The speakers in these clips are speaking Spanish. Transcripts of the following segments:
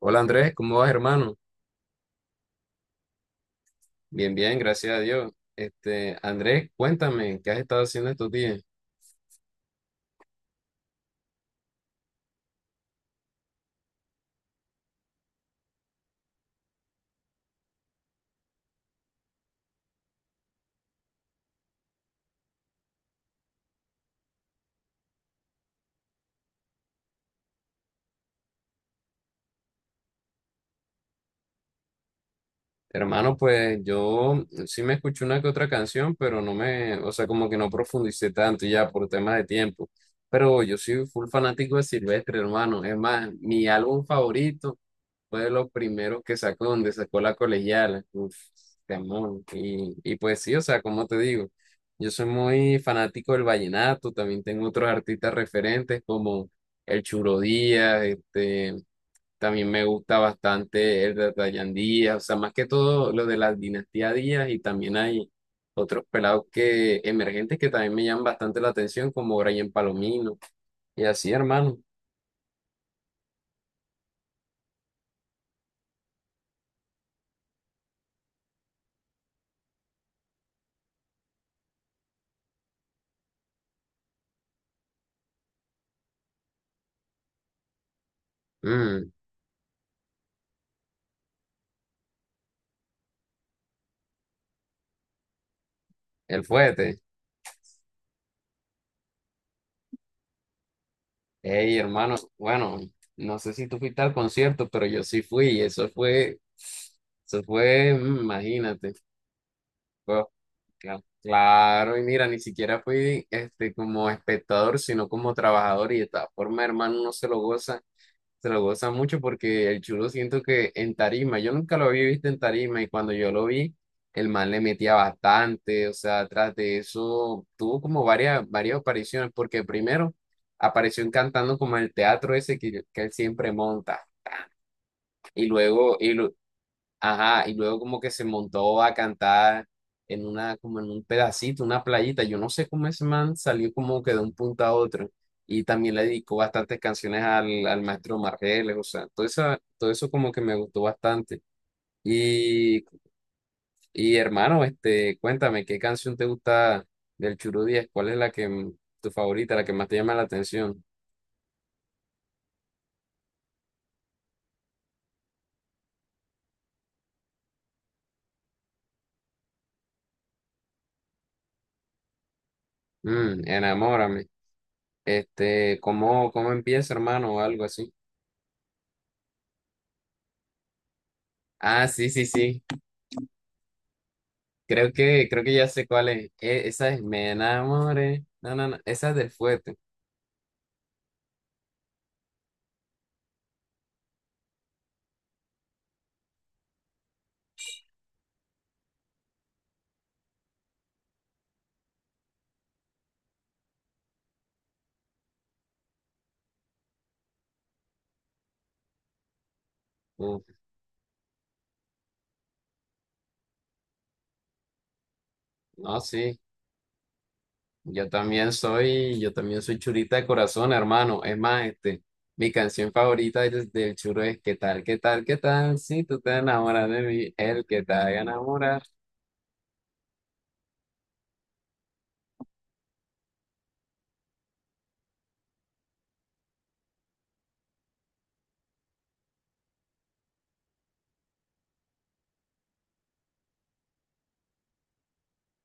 Hola Andrés, ¿cómo vas, hermano? Bien, gracias a Dios. Andrés, cuéntame, ¿qué has estado haciendo estos días? Hermano, pues yo sí me escuché una que otra canción, pero no me, o sea, como que no profundicé tanto ya por temas de tiempo. Pero yo soy full fanático de Silvestre, hermano. Es más, mi álbum favorito fue de los primeros que sacó, donde sacó La Colegiala. Uf, temón. Y pues sí, o sea, como te digo, yo soy muy fanático del vallenato. También tengo otros artistas referentes como El Churo Díaz, este. También me gusta bastante el de Dayan Díaz, o sea, más que todo lo de la dinastía Díaz y también hay otros pelados que emergentes que también me llaman bastante la atención, como Brian Palomino y así, hermano. Mm, el fuete. Hey, hermano, bueno, no sé si tú fuiste al concierto, pero yo sí fui y imagínate. Fue- Claro, y mira, ni siquiera fui este como espectador, sino como trabajador y de esta forma, hermano, uno se lo goza mucho porque el chulo siento que en tarima, yo nunca lo había visto en tarima y cuando yo lo vi, el man le metía bastante, o sea, tras de eso tuvo como varias apariciones, porque primero apareció en cantando como en el teatro ese que él siempre monta y luego, y, lu- ajá, y luego como que se montó a cantar en una, como en un pedacito, una playita. Yo no sé cómo ese man salió como que de un punto a otro. Y también le dedicó bastantes canciones al maestro Margeles, o sea, todo eso como que me gustó bastante. Y, y hermano, este, cuéntame, ¿qué canción te gusta del Churu Díaz? ¿Cuál es tu favorita, la que más te llama la atención? Mm, enamórame. Este, ¿cómo empieza, hermano? O algo así. Ah, sí. Creo que ya sé cuál es. Esa es Me enamoré. No. Esa es del fuerte. Uf, no, sí. Yo también soy churita de corazón, hermano. Es más, este, mi canción favorita es del churo es qué tal? Si tú te enamoras de mí, el que te haga enamorar.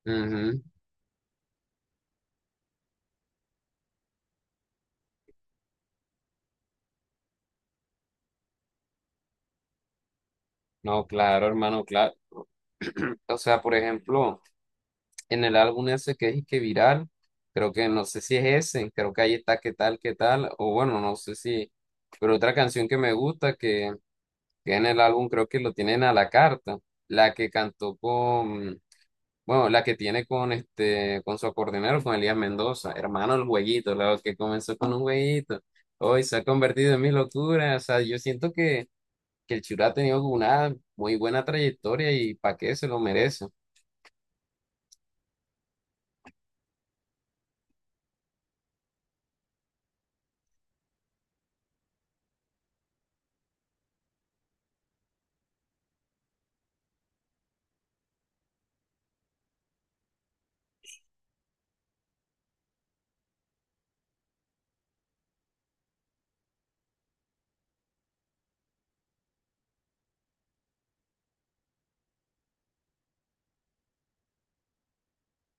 Ujú. No, claro, hermano, claro. O sea, por ejemplo, en el álbum ese que es y que viral, creo que no sé si es ese, creo que ahí está o bueno, no sé si, pero otra canción que me gusta que en el álbum creo que lo tienen a la carta, la que cantó con, bueno, la que tiene con este, con su acordeonero, con Elías Mendoza, hermano el jueguito, la que comenzó con un jueguito, hoy se ha convertido en mi locura, o sea, yo siento que el Chura ha tenido una muy buena trayectoria y para qué se lo merece.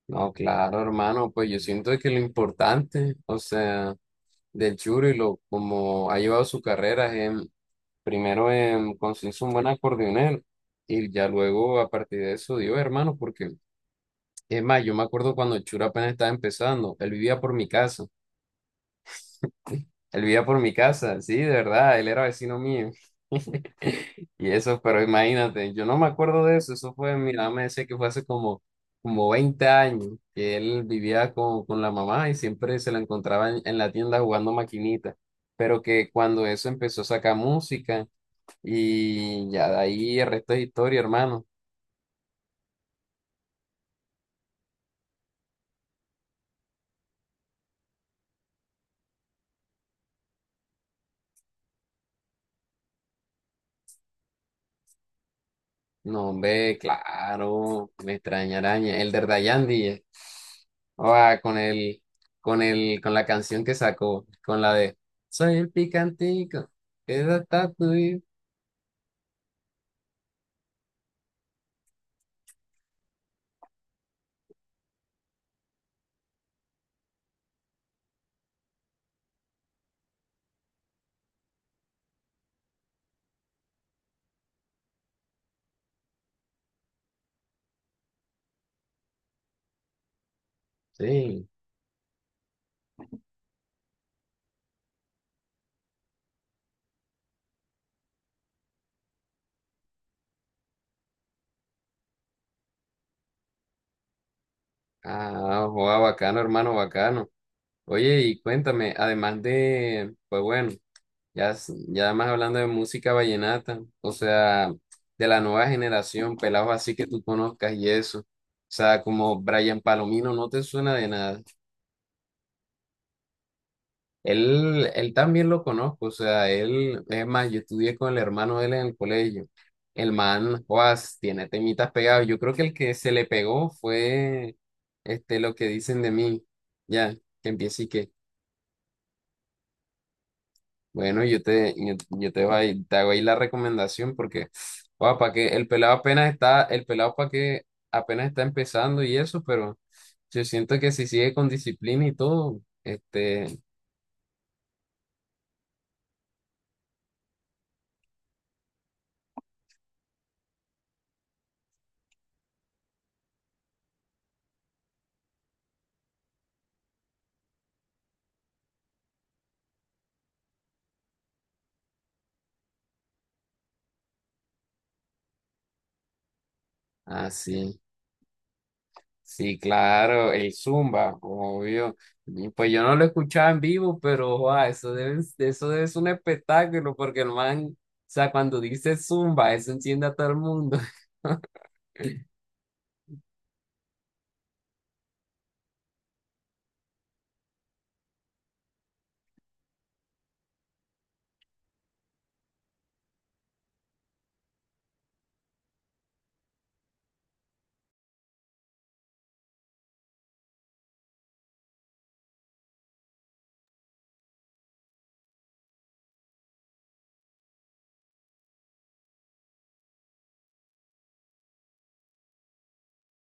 No, claro, hermano, pues yo siento que lo importante, o sea, del Churi, lo como ha llevado su carrera, primero en conseguirse un buen acordeonero y ya luego a partir de eso dio, hermano, porque es más, yo me acuerdo cuando el Churi apenas estaba empezando, él vivía por mi casa, sí, de verdad, él era vecino mío. Y eso, pero imagínate, yo no me acuerdo de eso, mi mamá me decía que fue como 20 años, que él vivía con la mamá y siempre se la encontraba en la tienda jugando maquinita, pero que cuando eso empezó a sacar música y ya de ahí el resto es historia, hermano. No, hombre, claro, me extraña araña. El de Dayandi, eh. Ah, con el, con la canción que sacó, con la de Soy el picantico, es hasta tuyo. Sí. Ah, joa, bacano, hermano, bacano. Oye, y cuéntame, además de, pues bueno, ya, ya más hablando de música vallenata, o sea, de la nueva generación, pelados así que tú conozcas y eso. O sea, como Brian Palomino, ¿no te suena de nada? Él también lo conozco, o sea, él, es más, yo estudié con el hermano de él en el colegio. El man, Juas, tiene temitas pegados. Yo creo que el que se le pegó fue este, lo que dicen de mí. Ya, que empiece y que, bueno, yo te, yo te, voy- te hago ahí la recomendación porque, para que el pelado apenas está, el pelado para que apenas está empezando y eso, pero yo siento que si sigue con disciplina y todo, este, así. Sí, claro, el Zumba, obvio. Y pues yo no lo escuchaba en vivo, pero joa, eso es un espectáculo, porque el man, o sea, cuando dice Zumba, eso enciende a todo el mundo.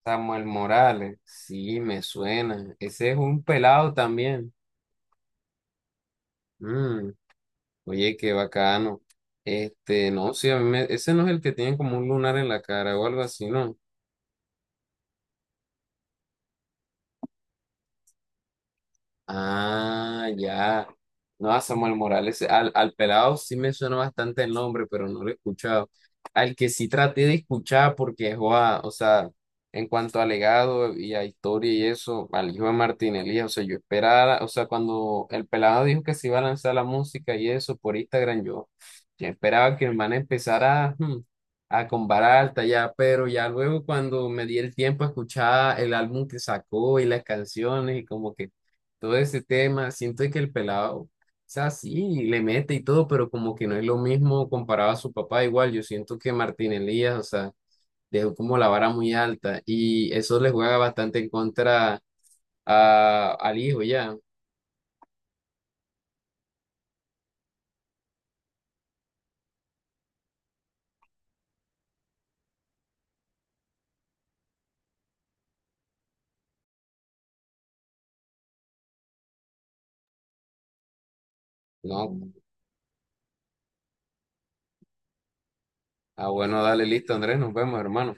Samuel Morales, sí, me suena. Ese es un pelado también. Mm, oye, qué bacano. Este, no, sí, ese no es el que tiene como un lunar en la cara o algo así, ¿no? Ah, ya. No, a Samuel Morales, al pelado sí me suena bastante el nombre, pero no lo he escuchado. Al que sí traté de escuchar porque, joa, o sea, en cuanto a legado y a historia y eso, al hijo de Martín Elías, o sea, yo esperaba, o sea, cuando el pelado dijo que se iba a lanzar la música y eso por Instagram, yo esperaba que el man empezara a con vara alta ya, pero ya luego cuando me di el tiempo a escuchar el álbum que sacó y las canciones y como que todo ese tema. Siento que el pelado, o sea, sí, le mete y todo, pero como que no es lo mismo comparado a su papá. Igual, yo siento que Martín Elías, o sea, dejó como la vara muy alta y eso le juega bastante en contra a, al hijo ya. No, ah, bueno, dale, listo, Andrés, nos vemos, hermano.